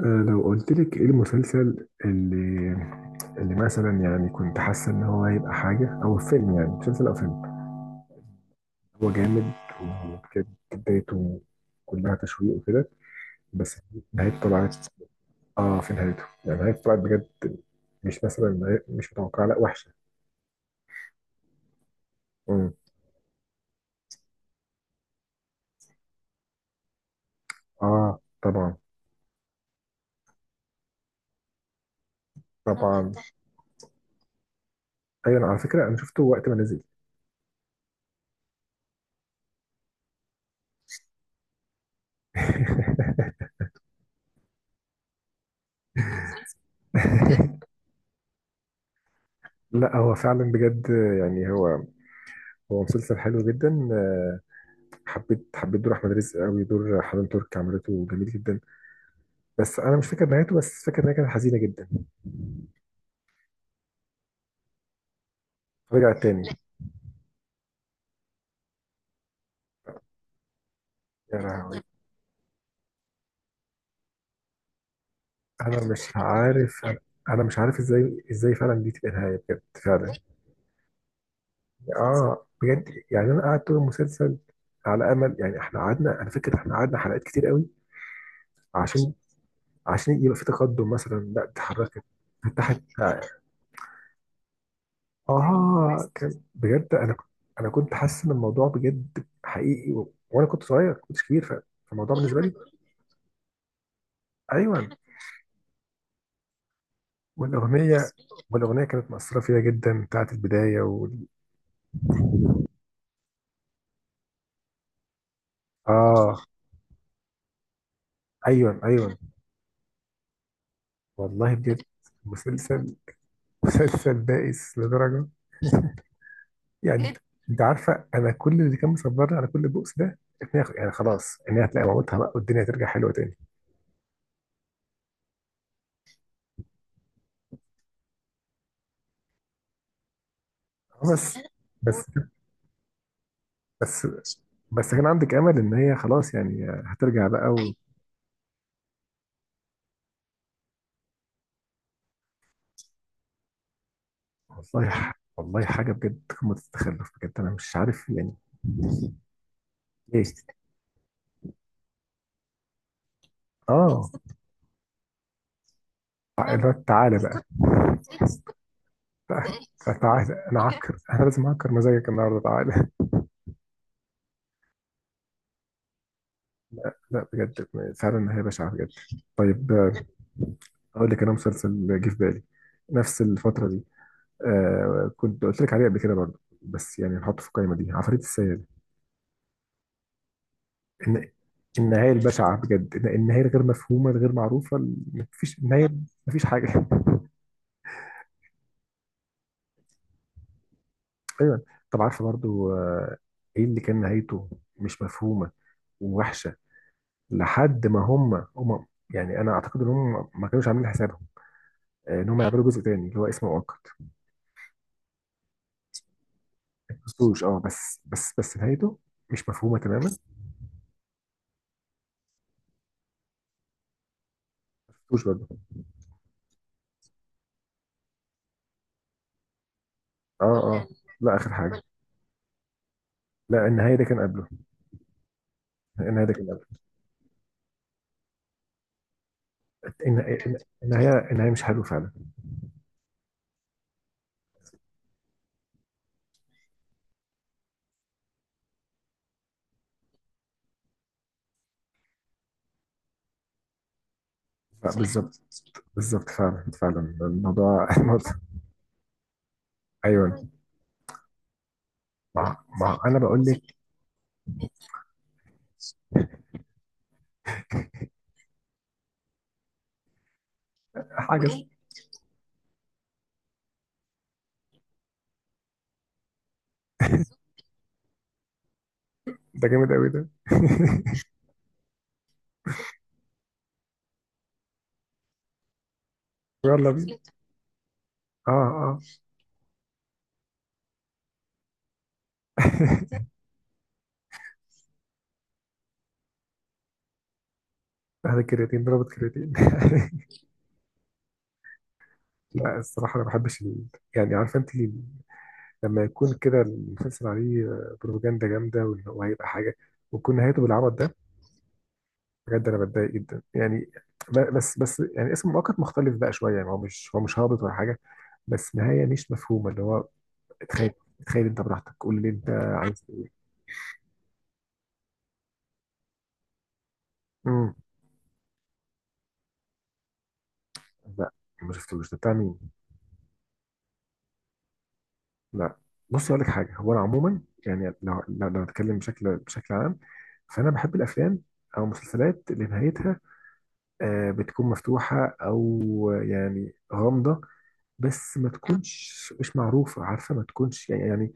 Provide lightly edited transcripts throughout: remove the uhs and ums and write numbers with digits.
لو قلت لك ايه المسلسل اللي مثلا يعني كنت حاسه ان هو هيبقى حاجه او فيلم، يعني مسلسل او فيلم هو جامد، وكانت بدايته كلها تشويق وكده، بس نهايته طلعت. اه في نهايته يعني نهايته طلعت بجد، مش مثلا مش متوقعه، لا وحشه. امم اه طبعا. طبعا، ايوه أنا على فكره انا شفته وقت ما نزل. لا هو فعلا بجد، يعني هو مسلسل حلو جدا. حبيت دور احمد رزق قوي، دور حنان ترك عملته جميل جدا. بس انا مش فاكر نهايته، بس فاكر ان هي كانت حزينه جدا. رجعت تاني، لا يا لهوي. انا مش عارف انا مش عارف ازاي فعلا دي تبقى نهايه بجد فعلا. اه بجد، يعني انا قعدت طول المسلسل على امل، يعني احنا قعدنا، انا فاكر احنا قعدنا حلقات كتير قوي، عشان عشان يبقى في تقدم مثلا، لا اتحركت، فتحت. اه كان بجد، انا كنت حاسس ان الموضوع بجد حقيقي وانا كنت صغير كنت كبير، فالموضوع بالنسبه لي. ايوه. والاغنيه والاغنيه كانت مأثره فيا جدا، بتاعت البدايه اه ايوه ايوه. والله بجد، مسلسل مسلسل بائس لدرجه، يعني جدا. انت عارفه انا كل اللي كان مصبرني على كل البؤس ده ان هي يعني خلاص، ان هي هتلاقي مامتها بقى والدنيا ترجع حلوه تاني. آه، بس بس بس بس كان عندك امل ان هي خلاص يعني هترجع بقى. والله والله حاجة بجد قمة التخلف، بجد أنا مش عارف يعني ليه. آه اللي هو تعالى بقى. تعالى أنا لازم أعكر مزاجك النهاردة تعالى. لا بجد، فعلا هي بشعة بجد. طيب، أقول لك أنا مسلسل جه في بالي نفس الفترة دي. كنت قلت لك عليه قبل كده برضه، بس يعني نحطه في القايمة دي، عفاريت السيد. إن النهاية البشعة بجد، النهاية الغير مفهومة الغير معروفة مفيش النهاية، مفيش حاجة. ايوه. طب عارفه برضو، ايه اللي كان نهايته مش مفهومه ووحشه، لحد ما هم يعني انا اعتقد ان هم ما كانوش عاملين حسابهم، ان هم يعملوا جزء تاني اللي هو اسمه مؤقت. ما شفتوش، بس نهايته مش مفهومه تماما. ما شفتوش برضه. اه اه، لا اخر حاجه، لا النهايه ده كان قبله، النهايه ده كان قبله. النهايه مش حلوه فعلا. لا، بالظبط، بالظبط فعلا، فعلا الموضوع الموضوع- ايوه. مع انا بقول لك حاجه. ده جامد قوي ده. يلا بينا. اه اه. هذا كرياتين ضربت كرياتين. لا الصراحة أنا ما بحبش يعني عارفة أنت لما يكون كده المسلسل عليه بروباجندا جامدة، وإن هو هيبقى حاجة، ويكون نهايته بالعبط ده، بجد أنا بتضايق جدا يعني، بس يعني اسم مؤقت مختلف بقى شوية، يعني هو مش هابط ولا حاجة، بس نهاية مش مفهومة اللي هو، تخيل، تخيل أنت براحتك قول اللي أنت عايز إيه. امم لا، ما شفتوش، ده بتاع مين؟ لا. بص اقول لك حاجه، هو انا عموما يعني لو اتكلم بشكل عام، فانا بحب الافلام او المسلسلات اللي نهايتها، بتكون مفتوحه او يعني غامضه، بس ما تكونش مش معروفه، عارفه ما تكونش، يعني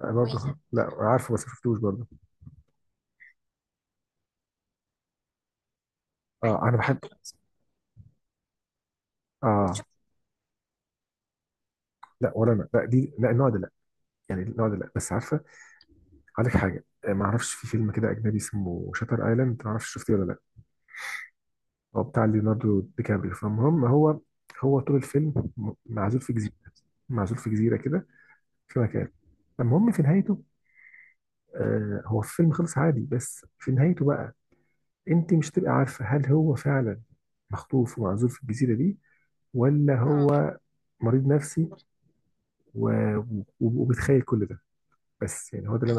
برضه كويسة. لا عارفه، بس ما شفتوش برضه. أيوة، اه انا بحب شوف. اه لا، ولا انا لا دي، لا النوع ده، لا يعني النوع ده لا، بس عارفه عليك حاجه، ما اعرفش في فيلم كده اجنبي اسمه شاتر ايلاند، ما اعرفش شفتيه ولا لا. هو بتاع ليوناردو دي كابريو. فالمهم هو طول الفيلم معزول في جزيرة، معزول في جزيرة كده، في مكان. المهم في نهايته، هو الفيلم خلص عادي، بس في نهايته بقى انت مش تبقى عارفة هل هو فعلا مخطوف ومعزول في الجزيرة دي، ولا هو مريض نفسي و... وبتخيل كل ده، بس يعني هو ده اللي،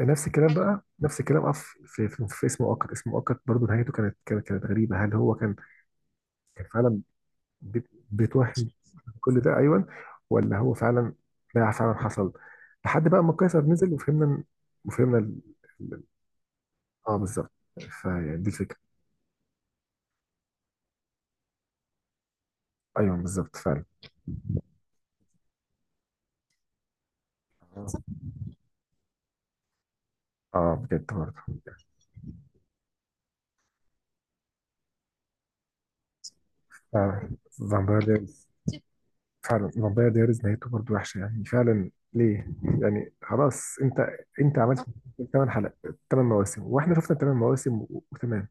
انا نفس الكلام بقى، نفس الكلام. أف في اسمه اوكر برضه نهايته كانت غريبة، هل هو كان فعلا بتوهم كل ده، ايوه، ولا هو فعلا، ده فعلا حصل، لحد بقى ما قيصر نزل وفهمنا وفهمنا ال- اه بالظبط، فدي الفكره. ايوه بالظبط فعلا، اه بجد برضه. آه. فامباير دايريز، فعلا فامباير دايريز نهايته برضه وحشه، يعني فعلا ليه؟ يعني خلاص، انت عملت ثمان حلقات 8 مواسم، واحنا شفنا 8 مواسم وتمام.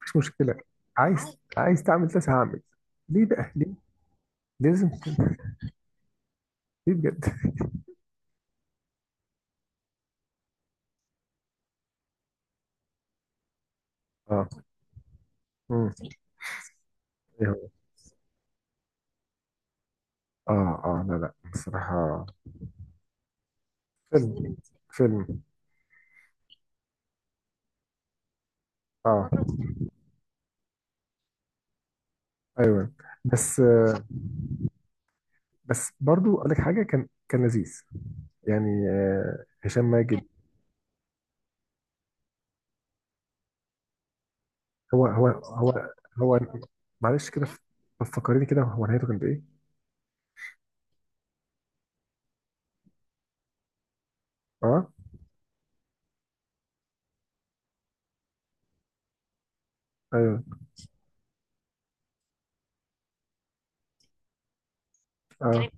مفيش مشكله، عايز تعمل تسعة هعمل. ليه بقى ليه؟ ليه لازم، ليه بجد؟ اه. امم ايه هو. اه اه، لا لا بصراحة، فيلم فيلم اه ايوه، بس بس برضو اقول لك حاجة، كان لذيذ يعني، هشام ماجد. هو هو هو هو معلش كده، فكرني كده، هو نهايته كانت ايه؟ اه. ايوه. اه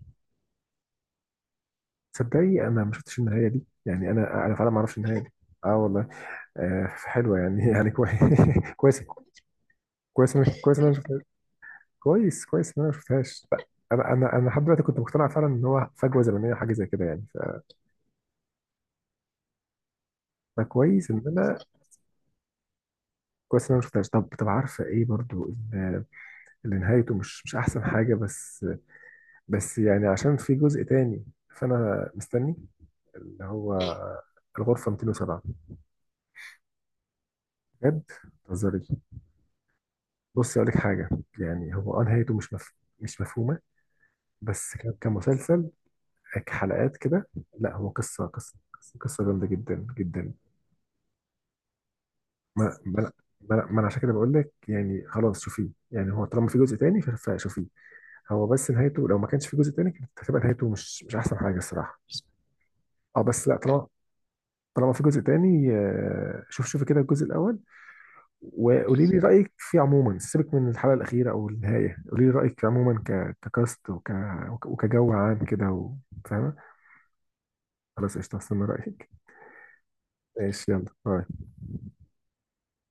تصدقي انا ما شفتش النهاية دي، يعني انا فعلا ما اعرفش النهاية دي. اه والله. حلوة يعني يعني كويس كويس كويس إن انا شفت. كويس، كويس ان انا ما شفتهاش. لا، انا لحد دلوقتي كنت مقتنع فعلا ان هو فجوه زمنيه، حاجه زي كده يعني، فكويس ان انا كويس ان انا ما شفتهاش. طب طب عارفه ايه برضو اللي اللي نهايته مش احسن حاجه، بس بس يعني عشان في جزء تاني، فانا مستني اللي هو الغرفه 207. بجد، تهزري؟ بصي اقول لك حاجه، يعني هو نهايته مش مفهومه، بس كمسلسل حلقات كده، لا هو قصه جامده جدا جدا. ما ما ما انا عشان كده بقول لك يعني خلاص شوفيه، يعني هو طالما في جزء تاني فشوفيه. هو بس نهايته لو ما كانش في جزء تاني كانت هتبقى نهايته مش احسن حاجه الصراحه. اه بس لا، طالما في جزء تاني، شوفي كده الجزء الاول، وقولي لي رايك فيه عموما، سيبك من الحلقه الاخيره او النهايه، قولي لي رايك فيه عموما ككاست وكجو عام كده فاهمه. خلاص قشطه، استنى رايك. ماشي يلا، باي.